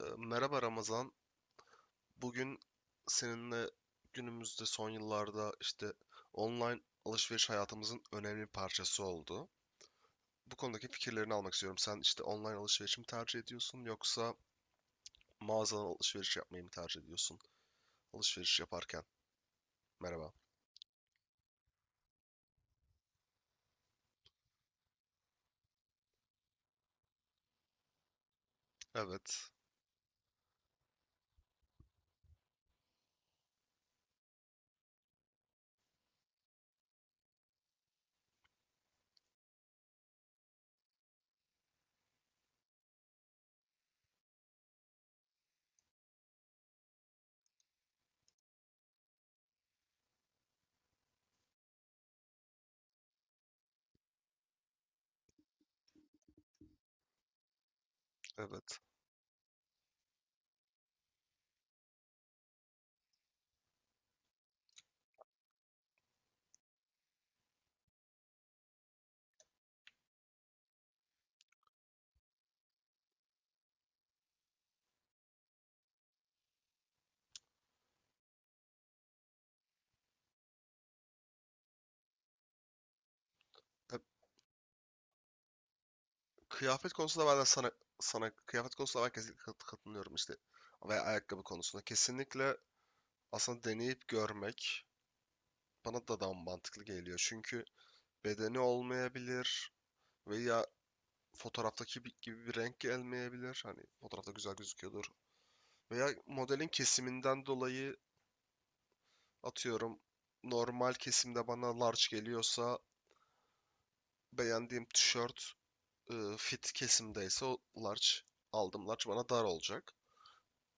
Merhaba Ramazan. Bugün seninle günümüzde son yıllarda işte online alışveriş hayatımızın önemli bir parçası oldu. Bu konudaki fikirlerini almak istiyorum. Sen işte online alışveriş mi tercih ediyorsun yoksa mağazadan alışveriş yapmayı mı tercih ediyorsun? Alışveriş yaparken. Merhaba. Evet, evet. E, Kıyafet konusunda ben de sana kıyafet konusunda ben kesinlikle katılıyorum işte. Veya ayakkabı konusunda kesinlikle aslında deneyip görmek bana da daha mantıklı geliyor. Çünkü bedeni olmayabilir veya fotoğraftaki gibi bir renk gelmeyebilir. Hani fotoğrafta güzel gözüküyordur. Veya modelin kesiminden dolayı atıyorum normal kesimde bana large geliyorsa beğendiğim tişört fit kesimdeyse o large aldım large bana dar olacak.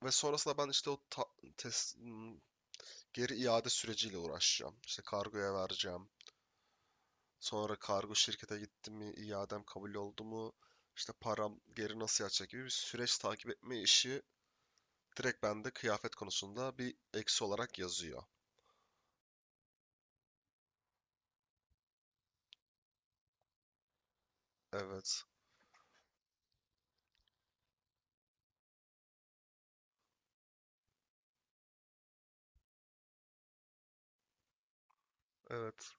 Ve sonrasında ben işte tes- geri iade süreciyle uğraşacağım. İşte kargoya vereceğim. Sonra kargo şirkete gittim mi, iadem kabul oldu mu, işte param geri nasıl yatacak gibi bir süreç takip etme işi direkt bende kıyafet konusunda bir eksi olarak yazıyor. Evet, evet.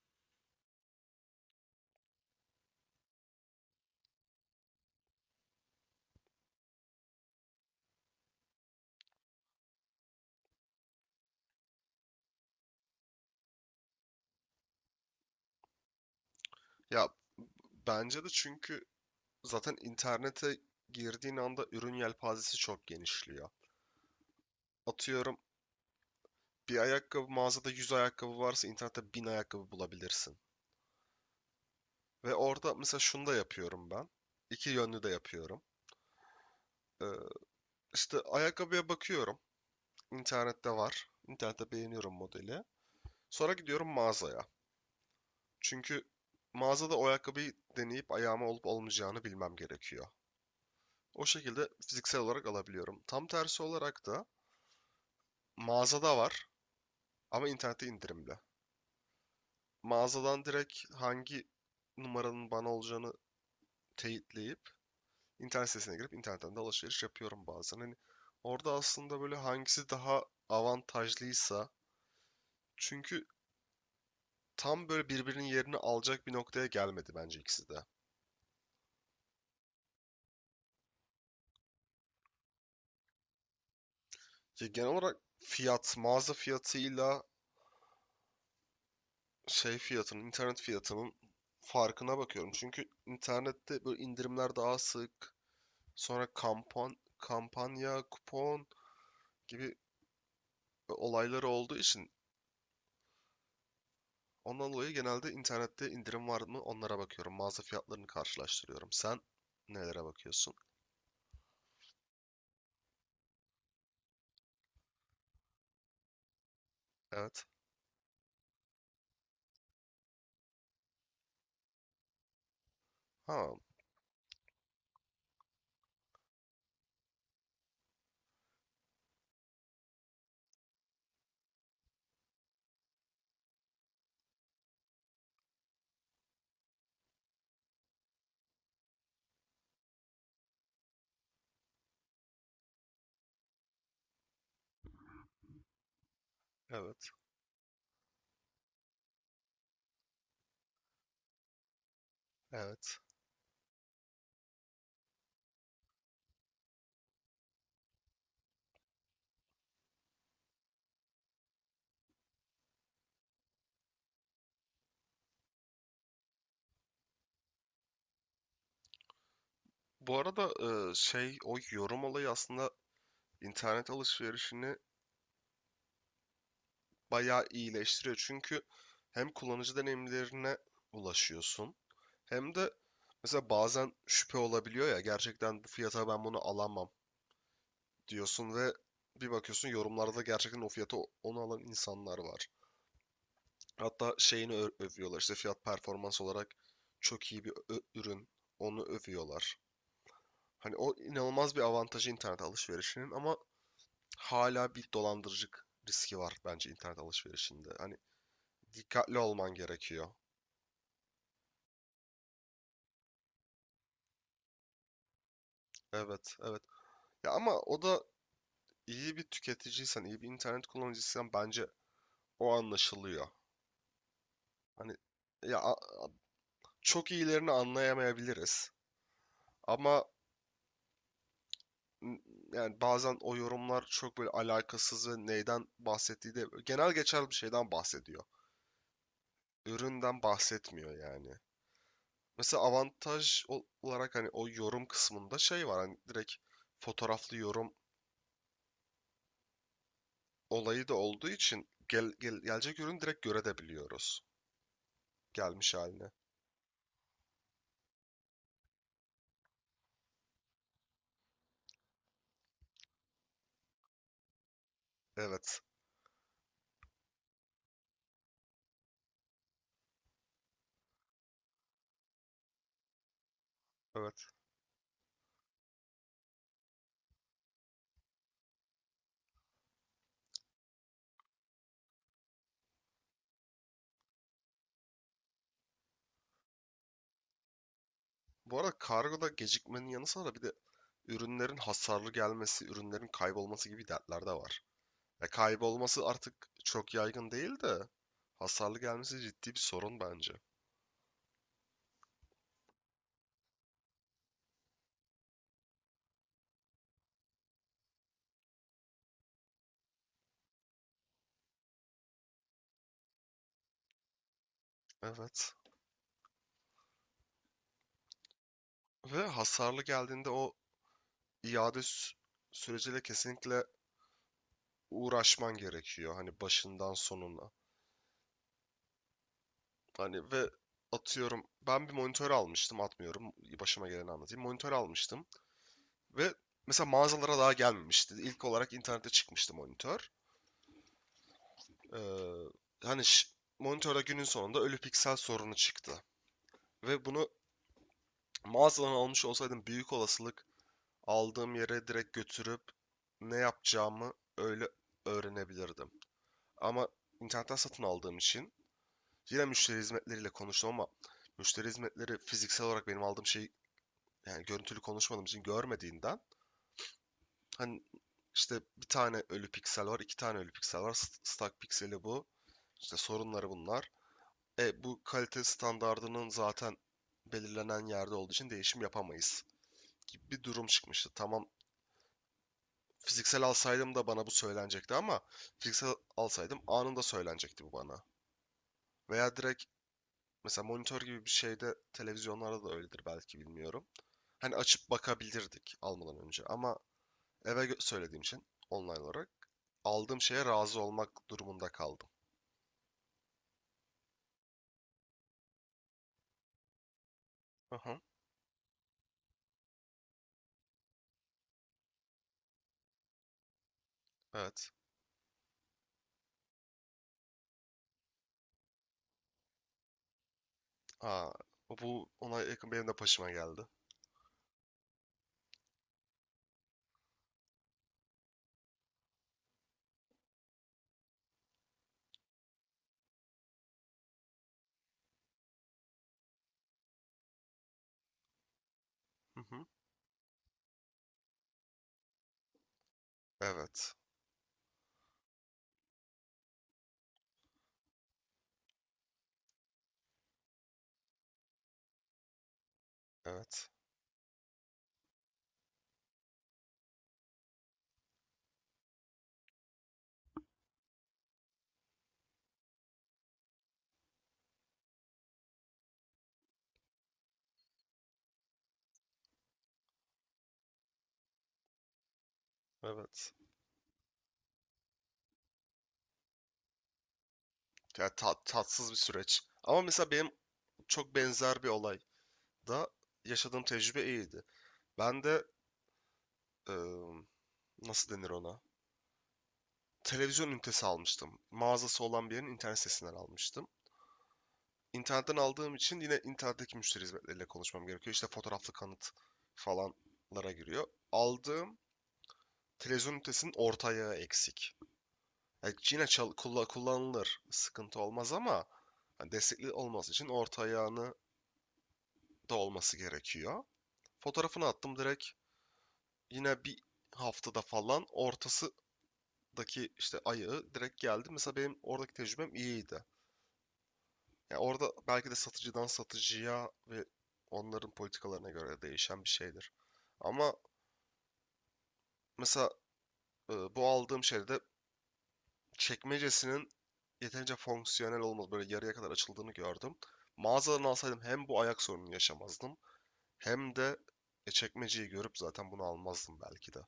Ya bence de çünkü zaten internete girdiğin anda ürün yelpazesi çok genişliyor. Atıyorum bir ayakkabı mağazada 100 ayakkabı varsa internette 1000 ayakkabı bulabilirsin. Ve orada mesela şunu da yapıyorum ben. İki yönlü de yapıyorum. Ee, işte ayakkabıya bakıyorum. İnternette var. İnternette beğeniyorum modeli. Sonra gidiyorum mağazaya. Çünkü mağazada o ayakkabıyı deneyip ayağıma olup olmayacağını bilmem gerekiyor. O şekilde fiziksel olarak alabiliyorum. Tam tersi olarak da mağazada var ama internette indirimli. Mağazadan direkt hangi numaranın bana olacağını teyitleyip internet sitesine girip internetten de alışveriş yapıyorum bazen. Hani orada aslında böyle hangisi daha avantajlıysa çünkü tam böyle birbirinin yerini alacak bir noktaya gelmedi bence ikisi de. Ya genel olarak fiyat, mağaza fiyatıyla şey fiyatının, internet fiyatının farkına bakıyorum. Çünkü internette böyle indirimler daha sık, sonra kampanya, kupon gibi olayları olduğu için ondan dolayı genelde internette indirim var mı onlara bakıyorum. Mağaza fiyatlarını karşılaştırıyorum. Sen nelere bakıyorsun? Evet. Ha, evet. Evet. Bu arada şey o yorum olayı aslında internet alışverişini bayağı iyileştiriyor. Çünkü hem kullanıcı deneyimlerine ulaşıyorsun hem de mesela bazen şüphe olabiliyor ya gerçekten bu fiyata ben bunu alamam diyorsun ve bir bakıyorsun yorumlarda gerçekten o fiyata onu alan insanlar var. Hatta şeyini övüyorlar işte fiyat performans olarak çok iyi bir ürün onu övüyorlar. Hani o inanılmaz bir avantajı internet alışverişinin ama hala bir dolandırıcılık riski var bence internet alışverişinde. Hani dikkatli olman gerekiyor. Evet, evet. Ya ama o da iyi bir tüketiciysen, iyi bir internet kullanıcısıysan bence o anlaşılıyor. Hani ya a- çok iyilerini anlayamayabiliriz ama n- yani bazen o yorumlar çok böyle alakasız ve neyden bahsettiği de genel geçer bir şeyden bahsediyor. Üründen bahsetmiyor yani. Mesela olarak hani o yorum kısmında şey var hani direkt fotoğraflı yorum olayı da olduğu için gelecek ürünü direkt görebiliyoruz. Gelmiş haline. Evet. Evet. Bu arada kargoda gecikmenin yanı sıra bir de ürünlerin hasarlı gelmesi, ürünlerin kaybolması gibi dertler de var. Ya kaybolması artık çok yaygın değil de hasarlı gelmesi ciddi bir sorun bence. Evet. Ve hasarlı geldiğinde o iade süreciyle kesinlikle uğraşman gerekiyor. Hani başından sonuna. Hani ve atıyorum ben bir monitör almıştım atmıyorum başıma geleni anlatayım. Monitör almıştım ve mesela mağazalara daha gelmemişti. İlk olarak internette çıkmıştı monitör. Ee, hani ş- monitörde günün sonunda ölü piksel sorunu çıktı. Ve bunu mağazadan almış olsaydım büyük olasılık aldığım yere direkt götürüp ne yapacağımı öyle öğrenebilirdim. Ama internetten satın aldığım için yine müşteri hizmetleriyle konuştum ama müşteri hizmetleri fiziksel olarak benim aldığım şeyi yani görüntülü konuşmadığım için görmediğinden hani işte bir tane ölü piksel var, iki tane ölü piksel var. Stack pikseli bu. İşte sorunları bunlar. E bu kalite standardının zaten belirlenen yerde olduğu için değişim yapamayız gibi bir durum çıkmıştı. Tamam fiziksel alsaydım da bana bu söylenecekti ama fiziksel alsaydım anında söylenecekti bu bana. Veya direkt mesela monitör gibi bir şeyde televizyonlarda da öyledir belki bilmiyorum. Hani açıp bakabilirdik almadan önce ama eve söylediğim için online olarak aldığım şeye razı olmak durumunda kaldım. Hı hı. Evet. Aa, bu ona yakın benim de başıma geldi. Hı hı. Evet. Evet. Evet. Tatsız bir süreç. Ama mesela benim çok benzer bir olay da yaşadığım tecrübe iyiydi. Ben de ıı, nasıl denir ona? Televizyon ünitesi almıştım. Mağazası olan bir yerin internet sitesinden almıştım. İnternetten aldığım için yine internetteki müşteri hizmetleriyle konuşmam gerekiyor. İşte fotoğraflı kanıt falanlara giriyor. Aldığım televizyon ünitesinin orta ayağı eksik. Yani yine kullanılır. Sıkıntı olmaz ama hani destekli olması için orta ayağını da olması gerekiyor. Fotoğrafını attım direkt yine bir haftada falan ortasındaki işte ayağı direkt geldi. Mesela benim oradaki tecrübem iyiydi. Ya orada belki de satıcıdan satıcıya ve onların politikalarına göre değişen bir şeydir. Ama mesela bu aldığım şeyde çekmecesinin yeterince fonksiyonel olmadığı, böyle yarıya kadar açıldığını gördüm. Mağazadan alsaydım hem bu ayak sorununu yaşamazdım hem de çekmeceyi görüp zaten bunu almazdım belki de.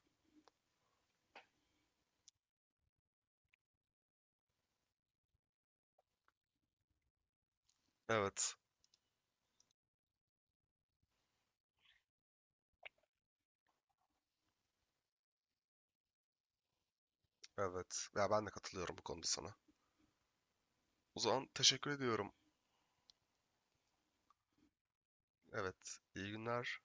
Evet, evet. Ya ben de katılıyorum bu konuda sana. O zaman teşekkür ediyorum. Evet, iyi günler.